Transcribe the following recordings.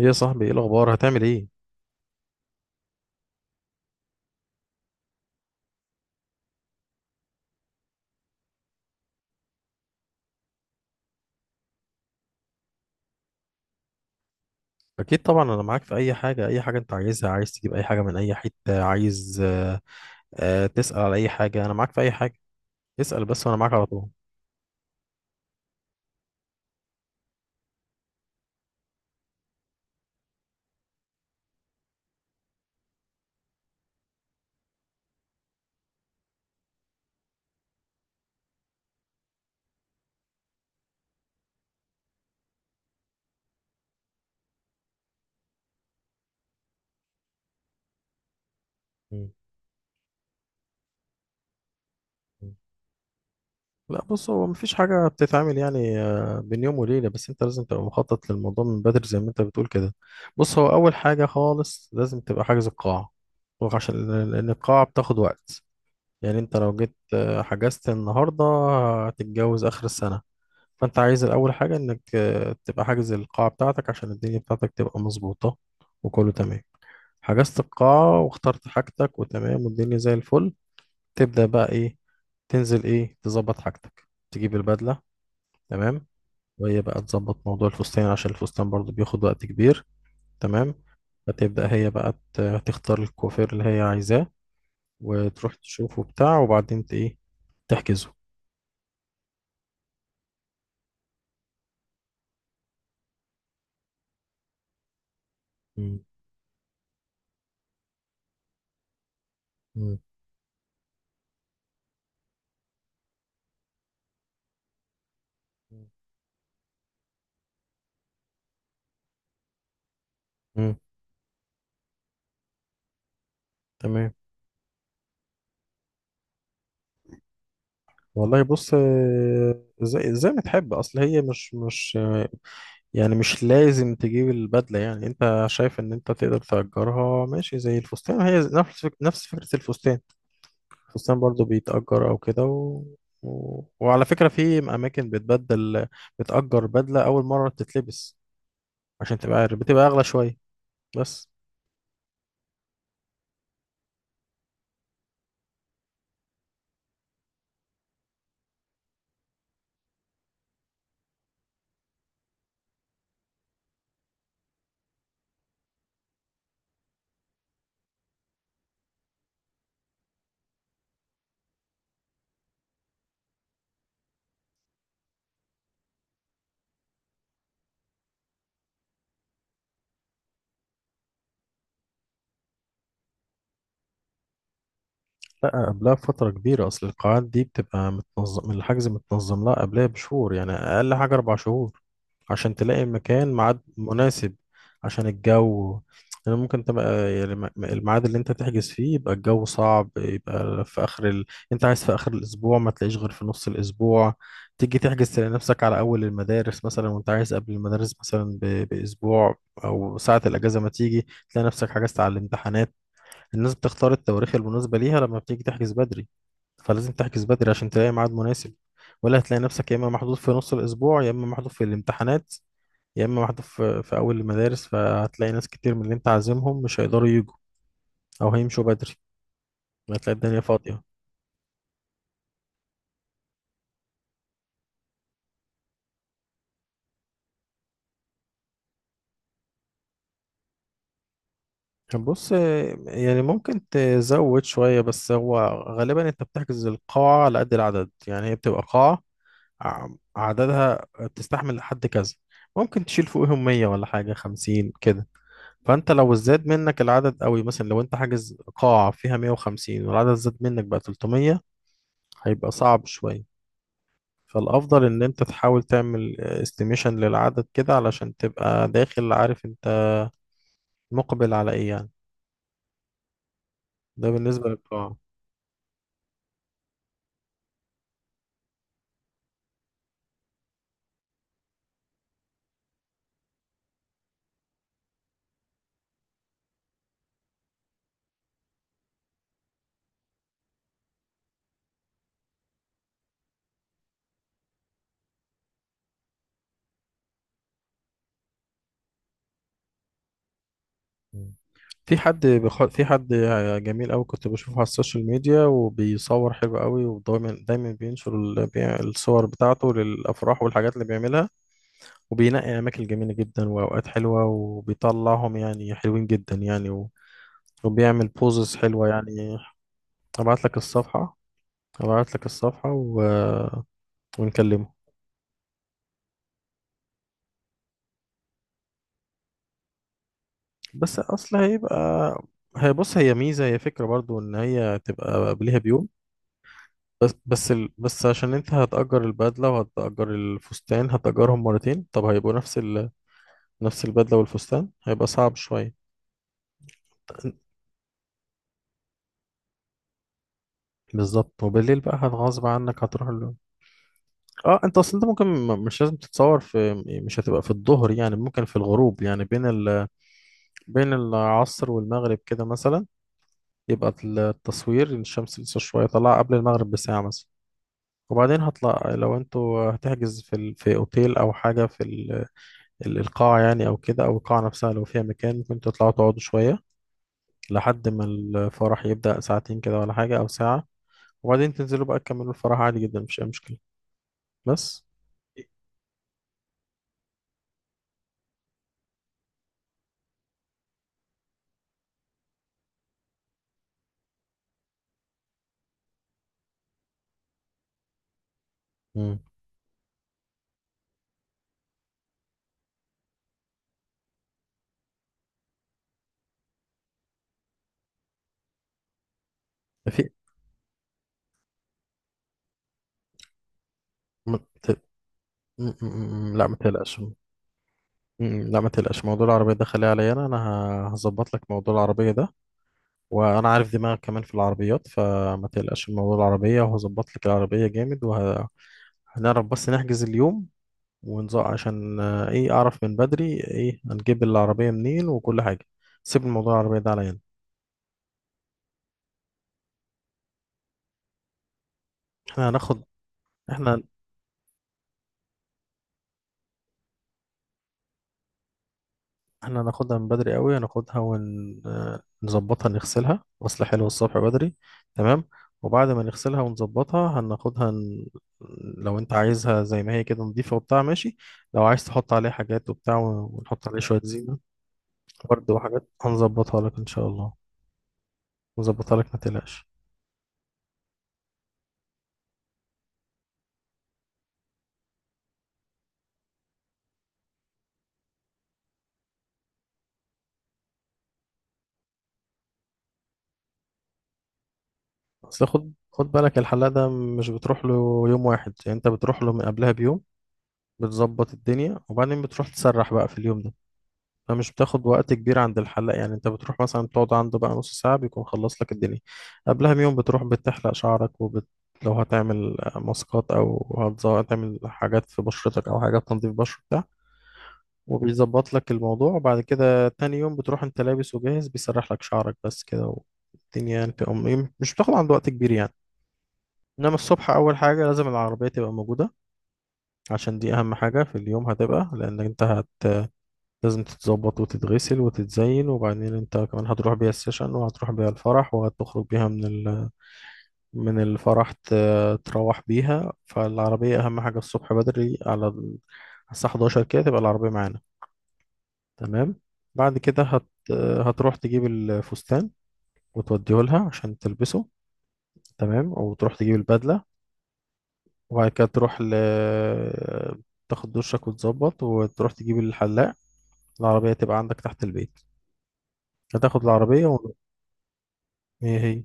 ايه يا صاحبي، ايه الاخبار؟ هتعمل ايه؟ اكيد طبعا، انا معاك في اي حاجه، اي حاجه انت عايزها، عايز تجيب اي حاجه من اي حته عايز تسال على اي حاجه، انا معاك في اي حاجه، اسال بس وانا معاك على طول. مم. مم. لا بص، هو مفيش حاجه بتتعمل يعني بين يوم وليله، بس انت لازم تبقى مخطط للموضوع من بدري زي ما انت بتقول كده. بص، هو اول حاجه خالص لازم تبقى حاجز القاعه، وعشان لان القاعه بتاخد وقت، يعني انت لو جيت حجزت النهارده هتتجوز اخر السنه. فانت عايز الاول حاجه انك تبقى حاجز القاعه بتاعتك عشان الدنيا بتاعتك تبقى مظبوطه وكله تمام. حجزت القاعه واخترت حاجتك وتمام والدنيا زي الفل، تبدا بقى ايه؟ تنزل ايه؟ تظبط حاجتك، تجيب البدله، تمام. وهي بقى تظبط موضوع الفستان عشان الفستان برضو بياخد وقت كبير، تمام. فتبدا هي بقى ت- تختار الكوافير اللي هي عايزاه وتروح تشوفه بتاع، وبعدين ايه، تحجزه. مم. مم. مم. تمام. والله بص، زي ما تحب، اصل هي مش يعني مش لازم تجيب البدله، يعني انت شايف ان انت تقدر تأجرها، ماشي زي الفستان، هي نفس فكره الفستان، الفستان برضو بيتأجر او كده وعلى فكره في اماكن بتبدل، بتأجر بدله اول مره بتتلبس عشان تبقى عارف بتبقى اغلى شويه بس. لا قبلها بفترة كبيرة، أصل القاعات دي بتبقى متنظم الحجز، متنظم لها قبلها بشهور، يعني أقل حاجة 4 شهور عشان تلاقي مكان ميعاد مناسب. عشان الجو، يعني ممكن تبقى يعني الميعاد اللي أنت تحجز فيه يبقى الجو صعب يبقى في آخر ال... أنت عايز في آخر الأسبوع ما تلاقيش غير في نص الأسبوع، تيجي تحجز تلاقي نفسك على أول المدارس مثلا، وأنت عايز قبل المدارس مثلا بأسبوع، أو ساعة الأجازة ما تيجي تلاقي نفسك حجزت على الامتحانات. الناس بتختار التواريخ المناسبة ليها لما بتيجي تحجز بدري، فلازم تحجز بدري عشان تلاقي ميعاد مناسب، ولا هتلاقي نفسك يا إما محظوظ في نص الأسبوع، يا إما محظوظ في الامتحانات، يا إما محظوظ في أول المدارس، فهتلاقي ناس كتير من اللي أنت عازمهم مش هيقدروا يجوا أو هيمشوا بدري، هتلاقي الدنيا فاضية. بص، يعني ممكن تزود شوية، بس هو غالبا أنت بتحجز القاعة على قد العدد، يعني هي بتبقى قاعة ع- عددها تستحمل لحد كذا، ممكن تشيل فوقهم 100 ولا حاجة 50 كده. فانت لو زاد منك العدد قوي، مثلا لو انت حاجز قاعة فيها 150 والعدد زاد منك بقى 300، هيبقى صعب شوية. فالافضل ان انت تحاول تعمل استيميشن للعدد كده علشان تبقى داخل عارف انت مقبل على ايه يعني. ده بالنسبة للقاعة. مم. في حد جميل قوي كنت بشوفه على السوشيال ميديا وبيصور حلو قوي، ودايما دايما بينشر الصور بتاعته للافراح والحاجات اللي بيعملها، وبينقي أماكن جميلة جدا وأوقات حلوة وبيطلعهم يعني حلوين جدا يعني وبيعمل بوزز حلوة يعني. أبعت لك الصفحة. أبعت لك الصفحة ونكلمه. بس أصل هيبقى هي بص، هي ميزة، هي فكرة برضو إن هي تبقى قبلها بيوم، بس عشان أنت هتأجر البدلة وهتأجر الفستان هتأجرهم مرتين، طب هيبقوا نفس البدلة والفستان، هيبقى صعب شوية. بالظبط، وبالليل بقى هتغصب عنك هتروح له. اه، انت اصل انت ممكن مش لازم تتصور في، مش هتبقى في الظهر يعني، ممكن في الغروب يعني بين العصر والمغرب كده مثلا، يبقى التصوير الشمس لسه شوية طالعة قبل المغرب بساعة مثلا. وبعدين هطلع لو انتوا هتحجز في في اوتيل او حاجة في القاعة يعني او كده، او القاعة نفسها لو فيها مكان ممكن تطلعوا تقعدوا شوية لحد ما الفرح يبدأ، ساعتين كده ولا حاجة او ساعة، وبعدين تنزلوا بقى تكملوا الفرح عادي جدا، مفيش اي مشكلة بس. مم. في م- م- م- لا، ما تقلقش. لا، ما تقلقش، موضوع العربية ده خليه عليا، أنا هظبط لك موضوع العربية ده، وأنا عارف دماغك كمان في العربيات، فما تقلقش من موضوع العربية، وهظبط لك العربية جامد، وهنعرف بس نحجز اليوم ونزق عشان إيه، أعرف من بدري إيه هنجيب العربية منين وكل حاجة. سيب الموضوع العربية ده عليا أنا. إحنا هناخد إحنا هناخدها من بدري قوي، هناخدها ونظبطها، نغسلها غسل حلو الصبح بدري، تمام. وبعد ما نغسلها ونظبطها هناخدها لو انت عايزها زي ما هي كده نضيفة وبتاع، ماشي. لو عايز تحط عليها حاجات وبتاع، ونحط عليه شوية زينة، ورد وحاجات هنظبطها لك ان شاء الله، نظبطها لك، ما تقلقش. بس خد بالك، الحلاق ده مش بتروح له يوم واحد، يعني انت بتروح له من قبلها بيوم، بتظبط الدنيا، وبعدين بتروح تسرح بقى في اليوم ده، فمش بتاخد وقت كبير عند الحلاق. يعني انت بتروح مثلا تقعد عنده بقى نص ساعة بيكون خلص لك الدنيا. قبلها بيوم بتروح بتحلق شعرك لو هتعمل ماسكات او هتعمل حاجات في بشرتك او حاجات تنظيف بشرة بتاع، وبيظبط لك الموضوع، وبعد كده تاني يوم بتروح انت لابس وجاهز، بيسرح لك شعرك بس كده. والدنيا يعني مش بتاخد عنده وقت كبير يعني، انما الصبح اول حاجة لازم العربية تبقى موجودة، عشان دي اهم حاجة في اليوم هتبقى، لان انت لازم تتظبط وتتغسل وتتزين، وبعدين انت كمان هتروح بيها السيشن وهتروح بيها الفرح وهتخرج بيها من الفرح، تروح بيها، فالعربية أهم حاجة الصبح بدري الساعة 11 كده تبقى العربية معانا، تمام. بعد كده هتروح تجيب الفستان وتوديه لها عشان تلبسه، تمام. وتروح تجيب البدلة، وبعد كده تروح تاخد دشك وتظبط وتروح تجيب الحلاق، العربية تبقى عندك تحت البيت، هتاخد العربية ايه هي؟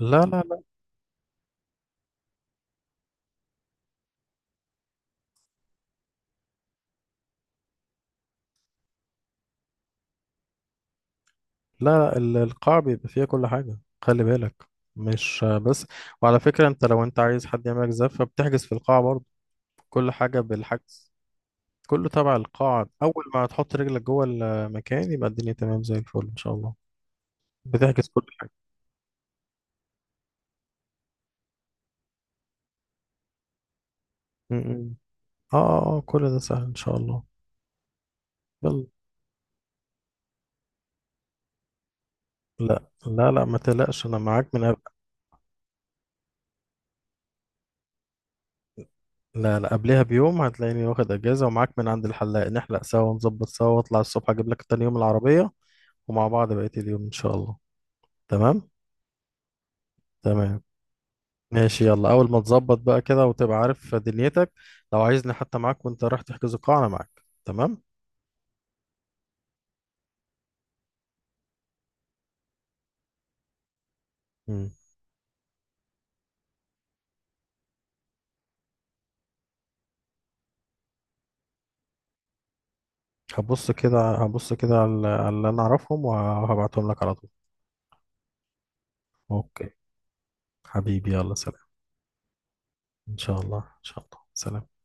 لا، لا، لا، لا، القاع بيبقى فيها كل حاجة، خلي بالك، مش بس. وعلى فكرة، انت لو انت عايز حد يعملك زفة بتحجز في القاعة برضه، كل حاجة بالحجز، كله تبع القاعة، أول ما تحط رجلك جوه المكان يبقى الدنيا تمام زي الفل إن شاء الله، بتحجز كل حاجة. م. اه اه، كل ده سهل إن شاء الله. يلا، لا، لا، لا، ما تقلقش أنا معاك لا، لا، قبلها بيوم هتلاقيني واخد أجازة ومعاك من عند الحلاق، نحلق سوا ونظبط سوا، واطلع الصبح أجيب لك تاني يوم العربية، ومع بعض بقية اليوم إن شاء الله، تمام. تمام ماشي، يلا، أول ما تظبط بقى كده وتبقى عارف دنيتك، لو عايزني حتى معاك وأنت رايح تحجز القاعة أنا معاك، تمام. مم. هبص كده على اللي أنا أعرفهم وهبعتهم لك على طول. أوكي، حبيبي، يلا سلام. إن شاء الله، إن شاء الله، سلام.